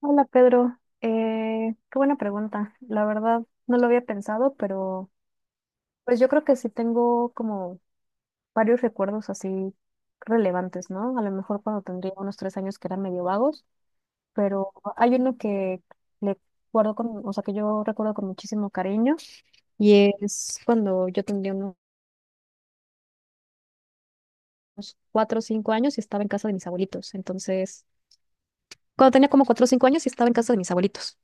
Hola Pedro, qué buena pregunta. La verdad no lo había pensado, pero pues yo creo que sí tengo como varios recuerdos así relevantes, ¿no? A lo mejor cuando tendría unos 3 años que eran medio vagos, pero hay uno que le guardo con, o sea, que yo recuerdo con muchísimo cariño y es cuando yo tendría unos 4 o 5 años y estaba en casa de mis abuelitos. Entonces, cuando tenía como 4 o 5 años y estaba en casa de mis abuelitos.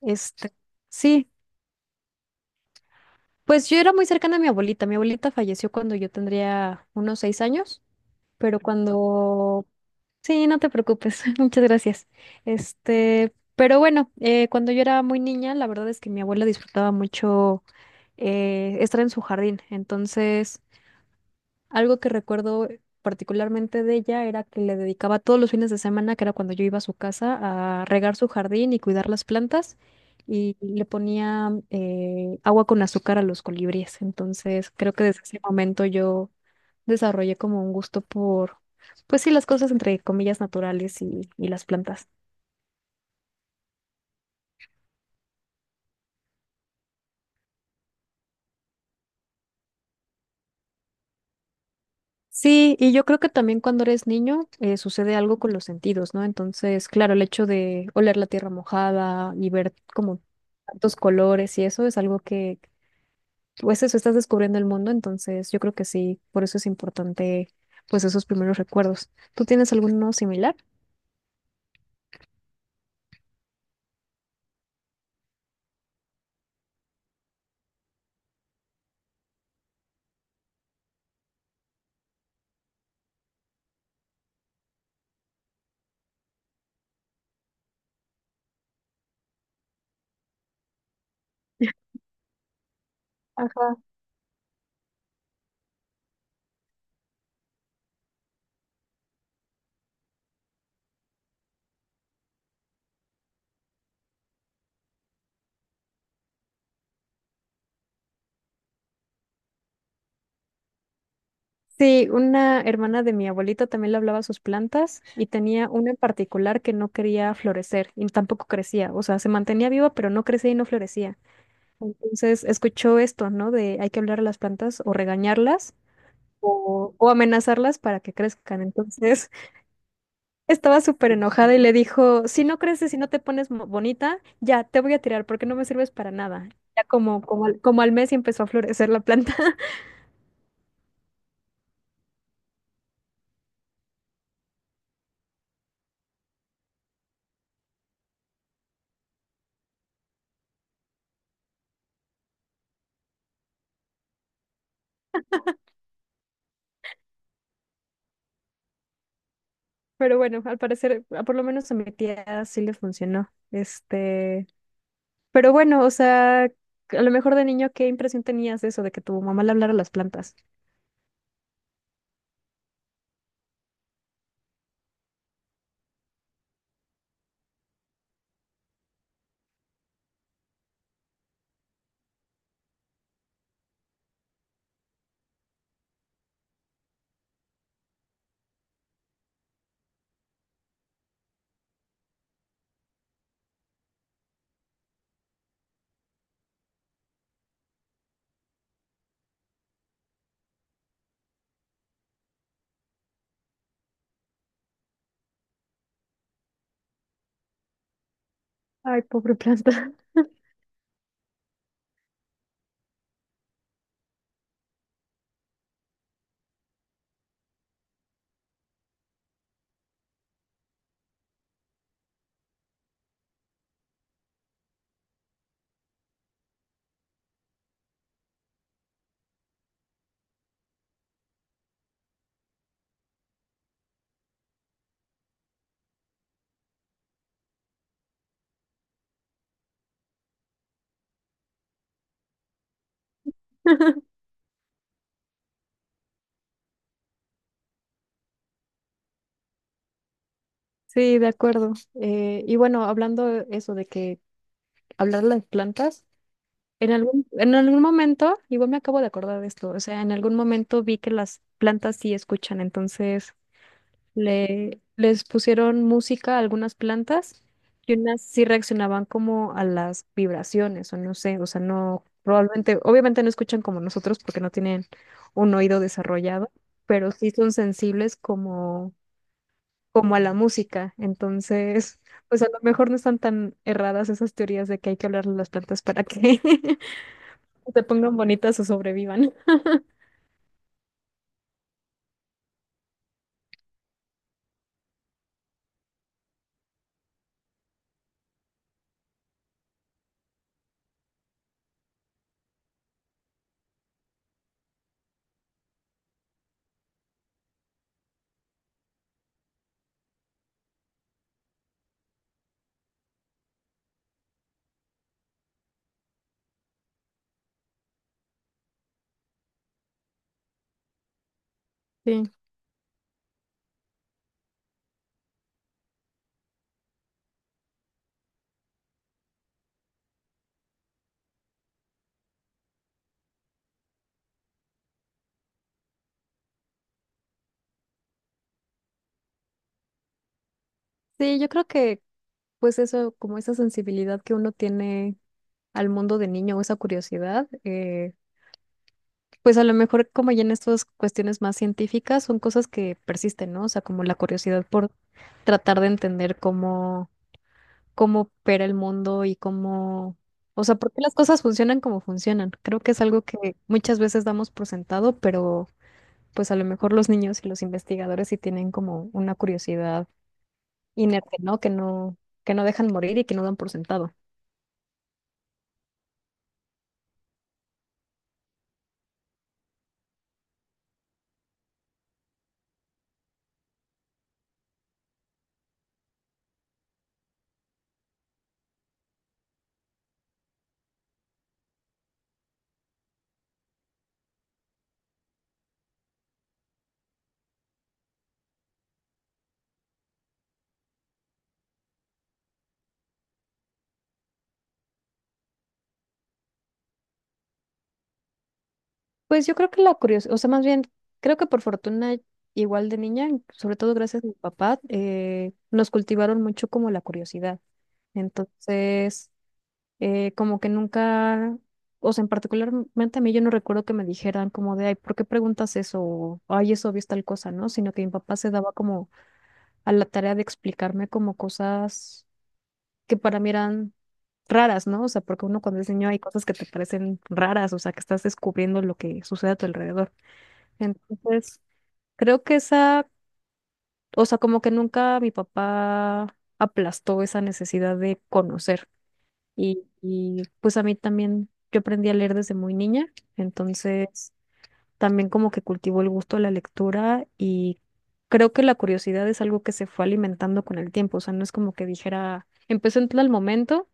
Este, sí. Pues yo era muy cercana a mi abuelita. Mi abuelita falleció cuando yo tendría unos 6 años, pero cuando... Sí, no te preocupes. Muchas gracias. Pero bueno, cuando yo era muy niña, la verdad es que mi abuela disfrutaba mucho estar en su jardín. Algo que recuerdo particularmente de ella era que le dedicaba todos los fines de semana, que era cuando yo iba a su casa, a regar su jardín y cuidar las plantas, y le ponía agua con azúcar a los colibríes. Entonces, creo que desde ese momento yo desarrollé como un gusto por, pues sí, las cosas entre comillas naturales y las plantas. Sí, y yo creo que también cuando eres niño sucede algo con los sentidos, ¿no? Entonces, claro, el hecho de oler la tierra mojada y ver como tantos colores y eso es algo que, pues eso, estás descubriendo el mundo, entonces yo creo que sí, por eso es importante, pues esos primeros recuerdos. ¿Tú tienes alguno similar? Ajá. Sí, una hermana de mi abuelita también le hablaba a sus plantas y tenía una en particular que no quería florecer y tampoco crecía, o sea, se mantenía viva pero no crecía y no florecía. Entonces escuchó esto, ¿no? De hay que hablar a las plantas o regañarlas o amenazarlas para que crezcan. Entonces estaba súper enojada y le dijo, si no creces, si no te pones bonita, ya te voy a tirar porque no me sirves para nada. Ya como al mes y empezó a florecer la planta. Pero bueno, al parecer, a- por lo menos a mi tía sí le funcionó. Pero bueno, o sea, a lo mejor de niño, ¿qué impresión tenías de eso, de que tu mamá le hablara a las plantas? Ay, pobre planta. Sí, de acuerdo. Y bueno, hablando eso de que hablar de las plantas, en algún momento, igual me acabo de acordar de esto, o sea, en algún momento vi que las plantas sí escuchan, entonces les pusieron música a algunas plantas y unas sí reaccionaban como a las vibraciones, o no sé, o sea, no, probablemente, obviamente no escuchan como nosotros porque no tienen un oído desarrollado, pero sí son sensibles como a la música. Entonces, pues a lo mejor no están tan erradas esas teorías de que hay que hablarle a las plantas para que se pongan bonitas o sobrevivan. Sí. Sí, yo creo que pues eso, como esa sensibilidad que uno tiene al mundo de niño o esa curiosidad, pues a lo mejor como ya en estas cuestiones más científicas son cosas que persisten, ¿no? O sea, como la curiosidad por tratar de entender cómo opera el mundo y cómo, o sea, por qué las cosas funcionan como funcionan. Creo que es algo que muchas veces damos por sentado, pero pues a lo mejor los niños y los investigadores sí tienen como una curiosidad inerte, ¿no? Que no, que no dejan morir y que no dan por sentado. Pues yo creo que la curiosidad, o sea, más bien, creo que por fortuna, igual de niña, sobre todo gracias a mi papá, nos cultivaron mucho como la curiosidad. Entonces, como que nunca, o sea, en particularmente a mí yo no recuerdo que me dijeran como de, ay, ¿por qué preguntas eso? O, ay, es obvio es tal cosa, ¿no? Sino que mi papá se daba como a la tarea de explicarme como cosas que para mí eran raras, ¿no? O sea, porque uno cuando es niño hay cosas que te parecen raras, o sea, que estás descubriendo lo que sucede a tu alrededor. Entonces, creo que esa, o sea, como que nunca mi papá aplastó esa necesidad de conocer. Y pues a mí también, yo aprendí a leer desde muy niña, entonces también como que cultivo el gusto de la lectura y creo que la curiosidad es algo que se fue alimentando con el tiempo, o sea, no es como que dijera, empecé en tal momento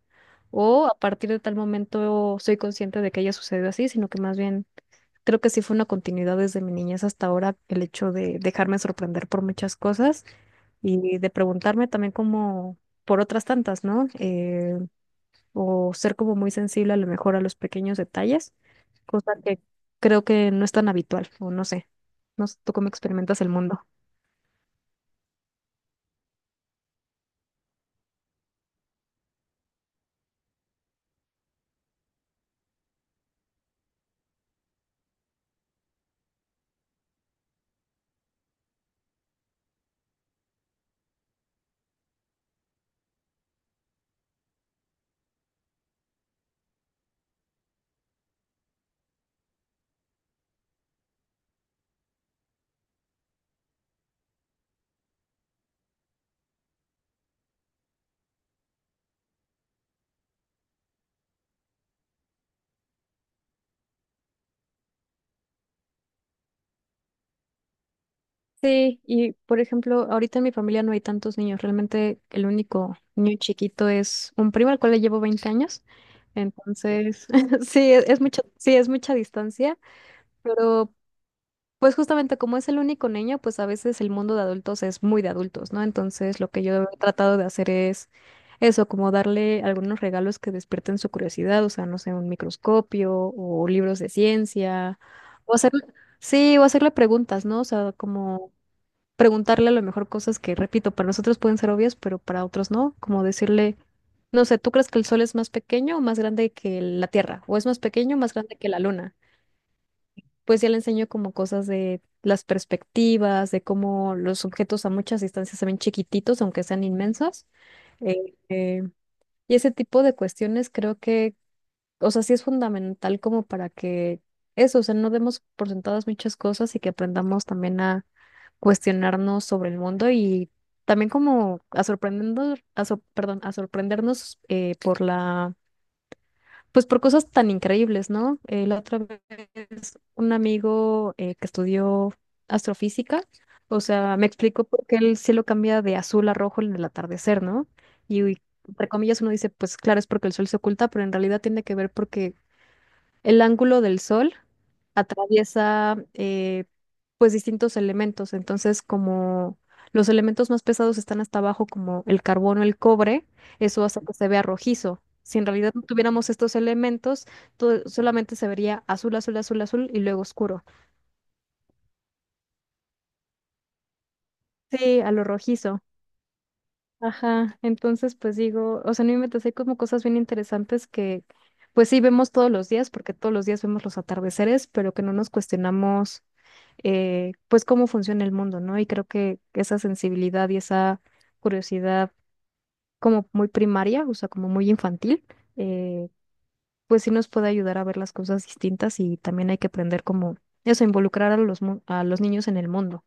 o a partir de tal momento soy consciente de que haya sucedido así, sino que más bien creo que sí fue una continuidad desde mi niñez hasta ahora el hecho de dejarme sorprender por muchas cosas y de preguntarme también como por otras tantas, ¿no? O ser como muy sensible a lo mejor a los pequeños detalles, cosa que creo que no es tan habitual, o no sé, no sé tú cómo experimentas el mundo. Sí, y por ejemplo, ahorita en mi familia no hay tantos niños, realmente el único niño chiquito es un primo al cual le llevo 20 años, entonces sí, es mucho, sí, es mucha distancia, pero pues justamente como es el único niño, pues a veces el mundo de adultos es muy de adultos, ¿no? Entonces lo que yo he tratado de hacer es eso, como darle algunos regalos que despierten su curiosidad, o sea, no sé, un microscopio o libros de ciencia, o hacer, sí, o hacerle preguntas, ¿no? O sea, como preguntarle a lo mejor cosas que, repito, para nosotros pueden ser obvias, pero para otros no, como decirle, no sé, ¿tú crees que el sol es más pequeño o más grande que la Tierra? ¿O es más pequeño o más grande que la Luna? Pues ya le enseño como cosas de las perspectivas, de cómo los objetos a muchas distancias se ven chiquititos, aunque sean inmensos. Eh, eh, y ese tipo de cuestiones creo que, o sea, sí es fundamental como para que eso, o sea, no demos por sentadas muchas cosas y que aprendamos también a cuestionarnos sobre el mundo y también como a sorprendernos, perdón, a sorprendernos por la, pues por cosas tan increíbles, ¿no? La otra es un amigo que estudió astrofísica, o sea, me explicó por qué el cielo cambia de azul a rojo en el atardecer, ¿no? Y, y entre comillas uno dice, pues claro, es porque el sol se oculta, pero en realidad tiene que ver porque el ángulo del sol atraviesa pues distintos elementos, entonces como los elementos más pesados están hasta abajo, como el carbono, el cobre, eso hace que se vea rojizo. Si en realidad no tuviéramos estos elementos, todo- solamente se vería azul, azul, azul, azul y luego oscuro. Sí, a lo rojizo. Ajá, entonces pues digo, o sea, no inventes, hay como cosas bien interesantes que pues sí vemos todos los días, porque todos los días vemos los atardeceres, pero que no nos cuestionamos pues cómo funciona el mundo, ¿no? Y creo que esa sensibilidad y esa curiosidad como muy primaria, o sea, como muy infantil, eh, pues sí nos puede ayudar a ver las cosas distintas y también hay que aprender como eso, involucrar a los niños en el mundo.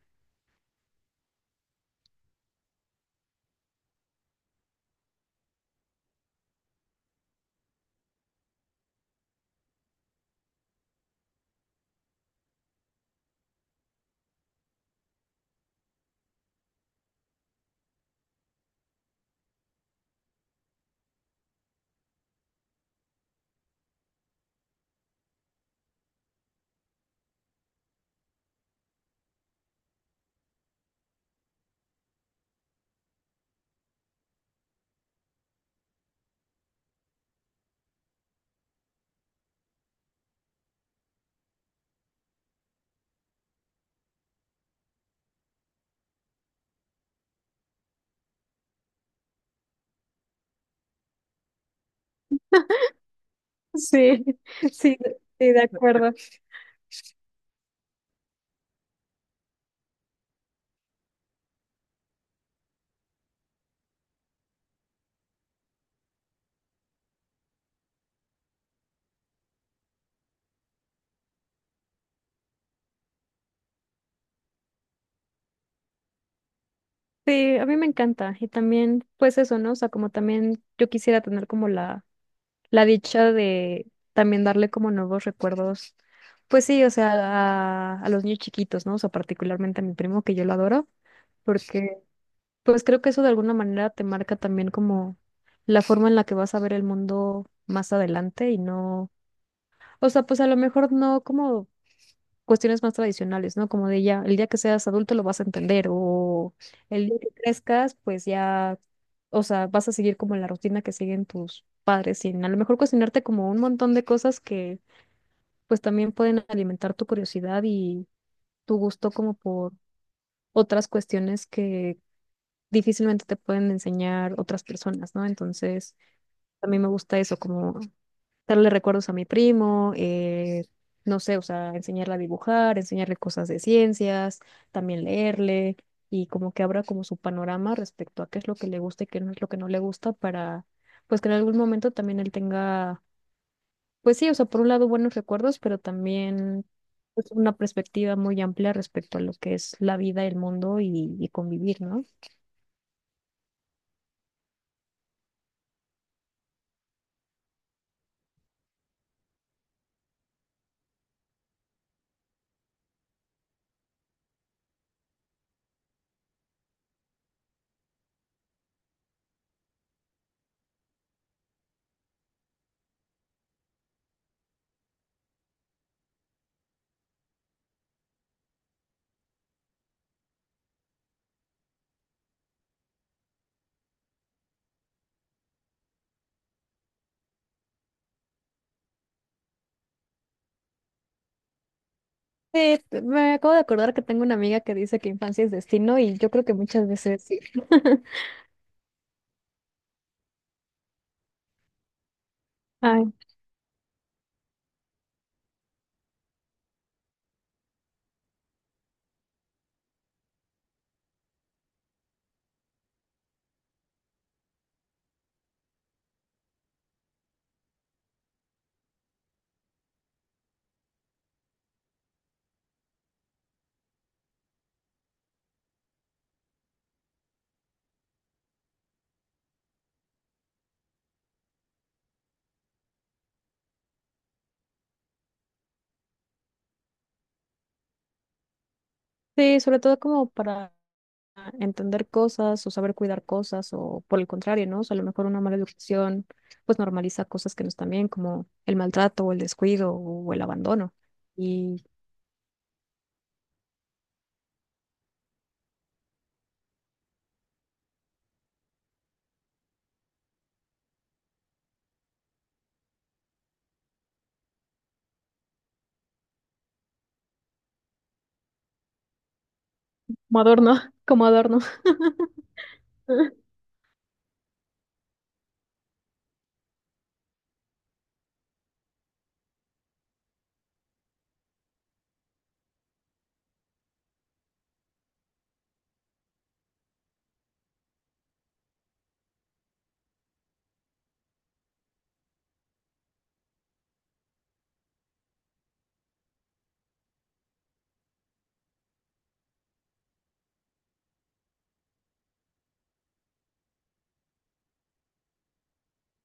Sí, sí, sí, de acuerdo. Sí, a mí me encanta. Y también, pues eso, ¿no? O sea, como también yo quisiera tener como la dicha de también darle como nuevos recuerdos. Pues sí, o sea, a los niños chiquitos, ¿no? O sea, particularmente a mi primo, que yo lo adoro, porque pues creo que eso de alguna manera te marca también como la forma en la que vas a ver el mundo más adelante y no, o sea, pues a lo mejor no como cuestiones más tradicionales, ¿no? Como de ya, el día que seas adulto lo vas a entender o el día que crezcas, pues ya, o sea, vas a seguir como la rutina que siguen tus padres y a lo mejor cuestionarte como un montón de cosas que pues también pueden alimentar tu curiosidad y tu gusto como por otras cuestiones que difícilmente te pueden enseñar otras personas, ¿no? Entonces, a mí me gusta eso, como darle recuerdos a mi primo, no sé, o sea, enseñarle a dibujar, enseñarle cosas de ciencias, también leerle y como que abra como su panorama respecto a qué es lo que le gusta y qué no es lo que no le gusta para, pues que en algún momento también él tenga, pues sí, o sea, por un lado buenos recuerdos, pero también pues, una perspectiva muy amplia respecto a lo que es la vida, el mundo y convivir, ¿no? Me acabo de acordar que tengo una amiga que dice que infancia es destino y yo creo que muchas veces sí. Ay. Sí, sobre todo como para entender cosas o saber cuidar cosas o por el contrario, ¿no? O sea, a lo mejor una mala educación pues normaliza cosas que no están bien como el maltrato o el descuido o el abandono y como adorno, como adorno.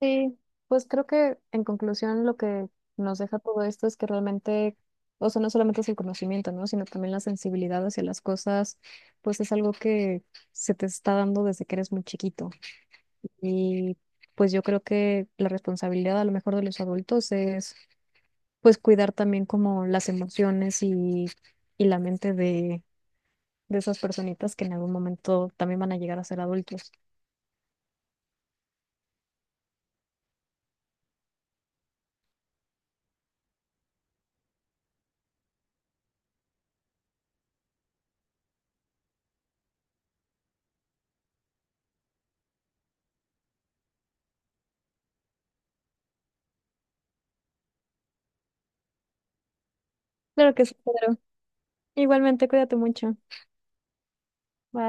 Sí, pues creo que en conclusión lo que nos deja todo esto es que realmente, o sea, no solamente es el conocimiento, ¿no? Sino también la sensibilidad hacia las cosas, pues es algo que se te está dando desde que eres muy chiquito. Y pues yo creo que la responsabilidad a lo mejor de los adultos es pues cuidar también como las emociones y la mente de esas personitas que en algún momento también van a llegar a ser adultos. Claro que sí, Pedro. Igualmente, cuídate mucho. Bye.